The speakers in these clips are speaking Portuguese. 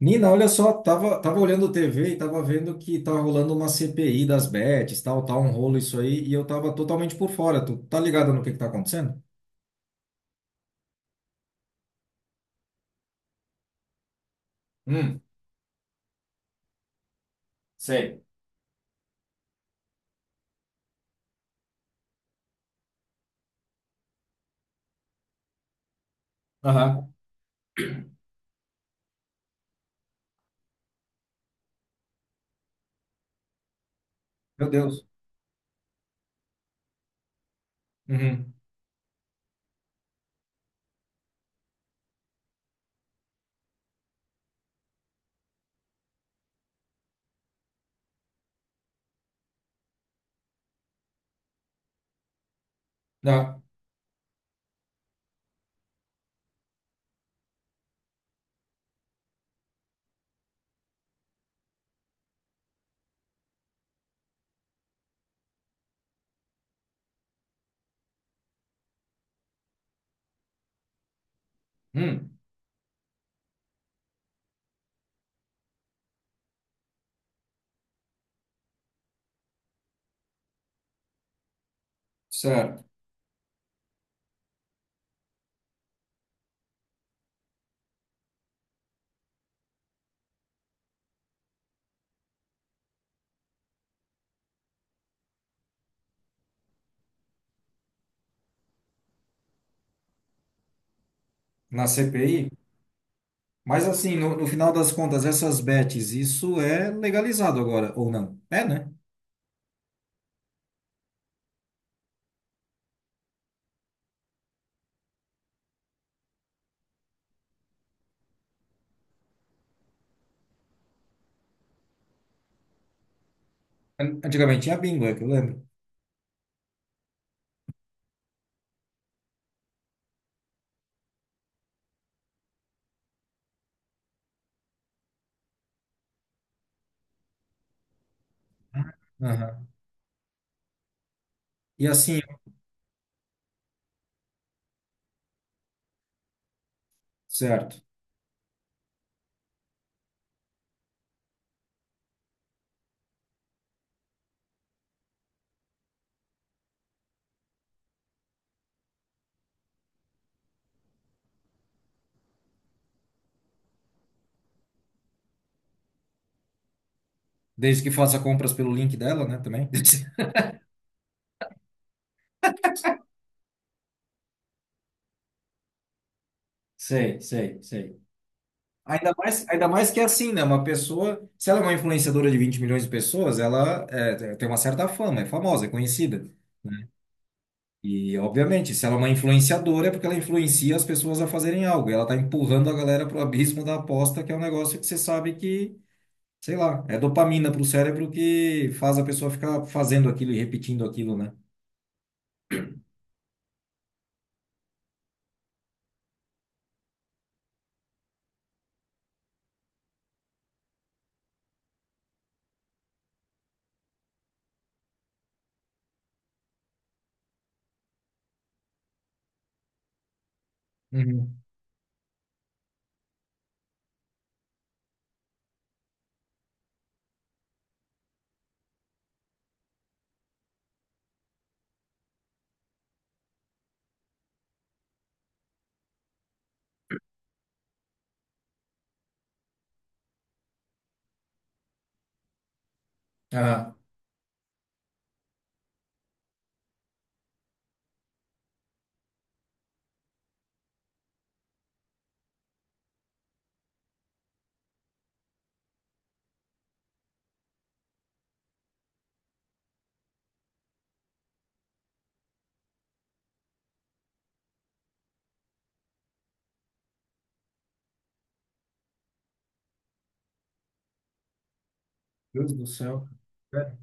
Nina, olha só, tava olhando TV e tava vendo que tá rolando uma CPI das bets, tal, tá um rolo isso aí, e eu tava totalmente por fora. Tu tá ligado no que tá acontecendo? Hum, sei. Aham. Meu Deus. Uhum. Dá. Hum, certo. Na CPI? Mas assim, no final das contas, essas bets, isso é legalizado agora, ou não? É, né? Antigamente tinha bingo, é que eu lembro. Aham. E assim, certo. Desde que faça compras pelo link dela, né, também. Sei, sei, sei. Ainda mais que é assim, né? Uma pessoa, se ela é uma influenciadora de 20 milhões de pessoas, ela é, tem uma certa fama, é famosa, é conhecida, né? E, obviamente, se ela é uma influenciadora, é porque ela influencia as pessoas a fazerem algo. E ela está empurrando a galera pro abismo da aposta, que é um negócio que você sabe que, sei lá, é dopamina pro cérebro que faz a pessoa ficar fazendo aquilo e repetindo aquilo, né? Uhum. Ah, Deus do céu. É.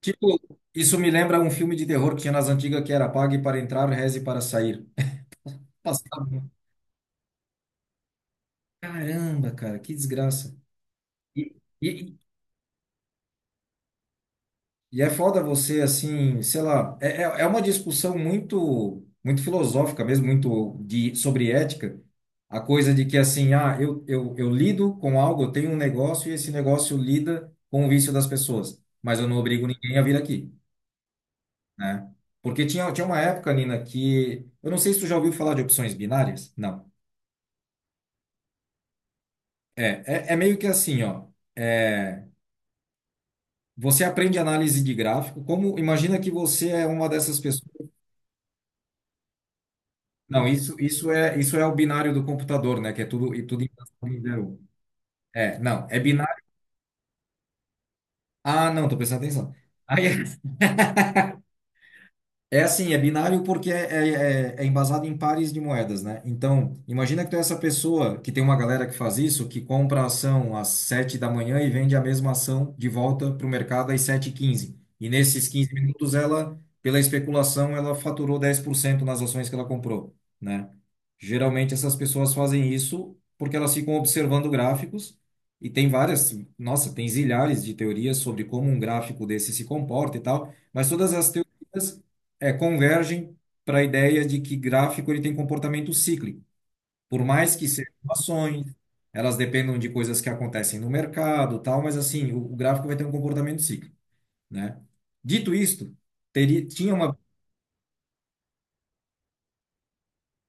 Tipo, isso me lembra um filme de terror que tinha nas antigas que era Pague para entrar, reze para sair. Passava. Caramba, cara, que desgraça. E, e, e é foda você, assim, sei lá, é uma discussão muito, muito filosófica mesmo, muito de, sobre ética. A coisa de que, assim, ah, eu lido com algo, eu tenho um negócio e esse negócio lida com o vício das pessoas, mas eu não obrigo ninguém a vir aqui, né? Porque tinha uma época, Nina, que eu não sei se tu já ouviu falar de opções binárias. Não. É, é meio que assim, ó. É, você aprende análise de gráfico. Como imagina que você é uma dessas pessoas? Não, isso é o binário do computador, né? Que é tudo e tudo em zero, um. É, não, é binário. Ah, não, tô prestando atenção. Aí é assim, é binário porque é embasado em pares de moedas, né? Então, imagina que tu é essa pessoa que tem uma galera que faz isso, que compra a ação às sete da manhã e vende a mesma ação de volta para o mercado às sete h 15. E nesses 15 minutos, ela, pela especulação, ela faturou 10% nas ações que ela comprou, né? Geralmente, essas pessoas fazem isso porque elas ficam observando gráficos e tem várias, nossa, tem zilhares de teorias sobre como um gráfico desse se comporta e tal, mas todas as teorias, é, convergem para a ideia de que gráfico ele tem comportamento cíclico. Por mais que sejam ações, elas dependam de coisas que acontecem no mercado, tal, mas assim, o gráfico vai ter um comportamento cíclico, né? Dito isto, tinha uma...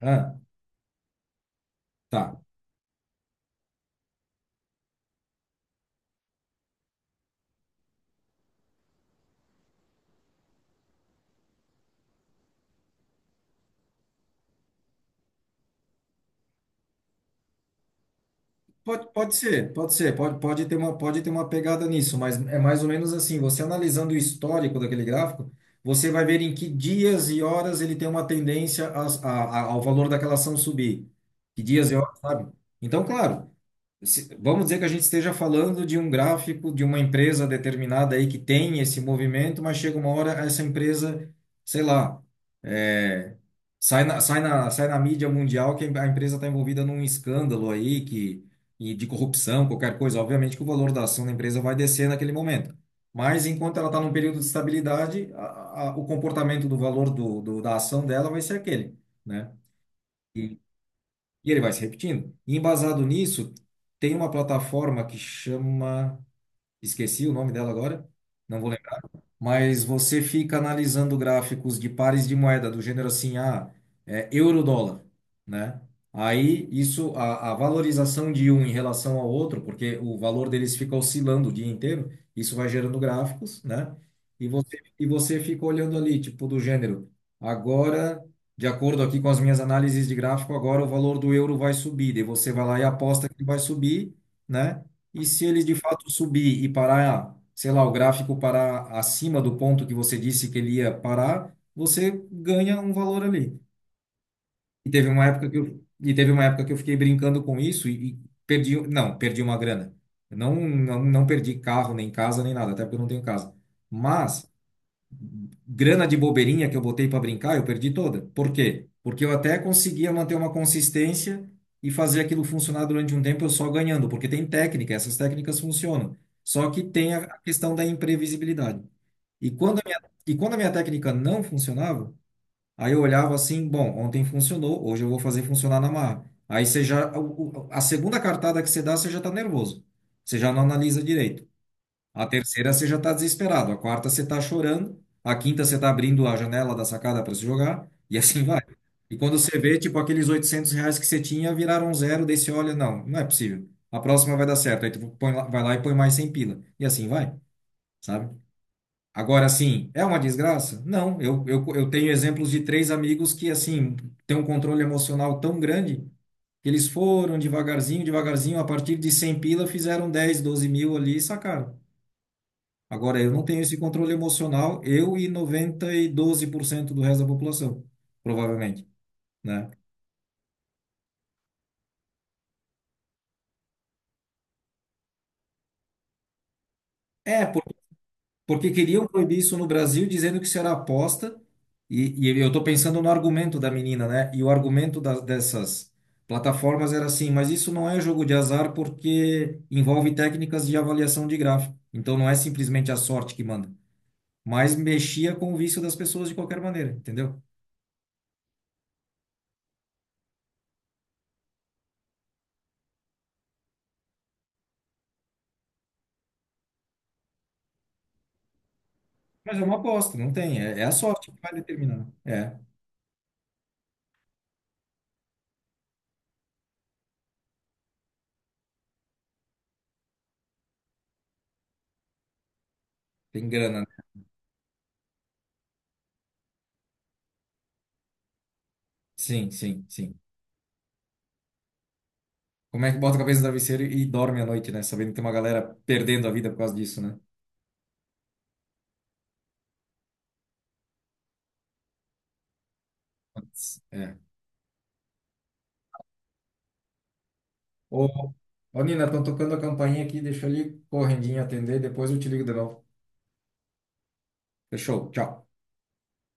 Ah, tá. Pode, pode ser, pode ser, pode, pode ter uma pegada nisso, mas é mais ou menos assim, você analisando o histórico daquele gráfico, você vai ver em que dias e horas ele tem uma tendência a- ao valor daquela ação subir. Que dias e, hum, horas, sabe? Então, claro, se- vamos dizer que a gente esteja falando de um gráfico de uma empresa determinada aí que tem esse movimento, mas chega uma hora essa empresa, sei lá, é, sai na mídia mundial que a empresa está envolvida num escândalo aí que, e de corrupção, qualquer coisa. Obviamente que o valor da ação da empresa vai descer naquele momento. Mas enquanto ela está num período de estabilidade, a, o comportamento do valor da ação dela vai ser aquele, né? E, e ele vai se repetindo. E embasado nisso, tem uma plataforma que chama. Esqueci o nome dela agora. Não vou lembrar, mas você fica analisando gráficos de pares de moeda do gênero assim, ah, é, euro-dólar, né? Aí isso, a valorização de um em relação ao outro, porque o valor deles fica oscilando o dia inteiro, isso vai gerando gráficos, né? E você fica olhando ali, tipo, do gênero, agora, de acordo aqui com as minhas análises de gráfico, agora o valor do euro vai subir, daí você vai lá e aposta que vai subir, né? E se ele de fato subir e parar, sei lá, o gráfico parar acima do ponto que você disse que ele ia parar, você ganha um valor ali. E teve uma época que eu fiquei brincando com isso e perdi, não, perdi uma grana. Eu não, não, não perdi carro, nem casa, nem nada, até porque eu não tenho casa. Mas grana de bobeirinha que eu botei para brincar, eu perdi toda. Por quê? Porque eu até conseguia manter uma consistência e fazer aquilo funcionar durante um tempo eu só ganhando, porque tem técnica, essas técnicas funcionam. Só que tem a questão da imprevisibilidade. E quando a minha, e quando a minha técnica não funcionava, aí eu olhava assim, bom, ontem funcionou, hoje eu vou fazer funcionar na marra. Aí você já, o- a segunda cartada que você dá, você já está nervoso. Você já não analisa direito. A terceira você já está desesperado, a quarta você está chorando, a quinta você está abrindo a janela da sacada para se jogar, e assim vai. E quando você vê, tipo, aqueles 800 reais que você tinha viraram um zero, daí você olha, não, não é possível. A próxima vai dar certo, aí tu põe lá- vai lá e põe mais 100 pila, e assim vai, sabe? Agora, assim, é uma desgraça? Não, eu, eu tenho exemplos de três amigos que, assim, têm um controle emocional tão grande que eles foram devagarzinho, devagarzinho, a partir de 100 pila, fizeram 10, 12 mil ali e sacaram. Agora, eu não tenho esse controle emocional, eu e noventa e doze por cento do resto da população, provavelmente, né? É, porque queriam proibir isso no Brasil, dizendo que isso era aposta, e eu estou pensando no argumento da menina, né? E o argumento das, dessas plataformas era assim, mas isso não é jogo de azar porque envolve técnicas de avaliação de gráfico. Então não é simplesmente a sorte que manda, mas mexia com o vício das pessoas de qualquer maneira, entendeu? Mas é uma aposta, não tem, é, é a sorte que vai determinar, né? É. Tem grana, né? Sim, sim, sim. Como é que bota a cabeça no travesseiro e dorme à noite, né? Sabendo que tem uma galera perdendo a vida por causa disso, né? Putz, é. Ô, ô Nina, estão tocando a campainha aqui, deixa eu ali correndinho atender, depois eu te ligo de novo. Fechou, tchau.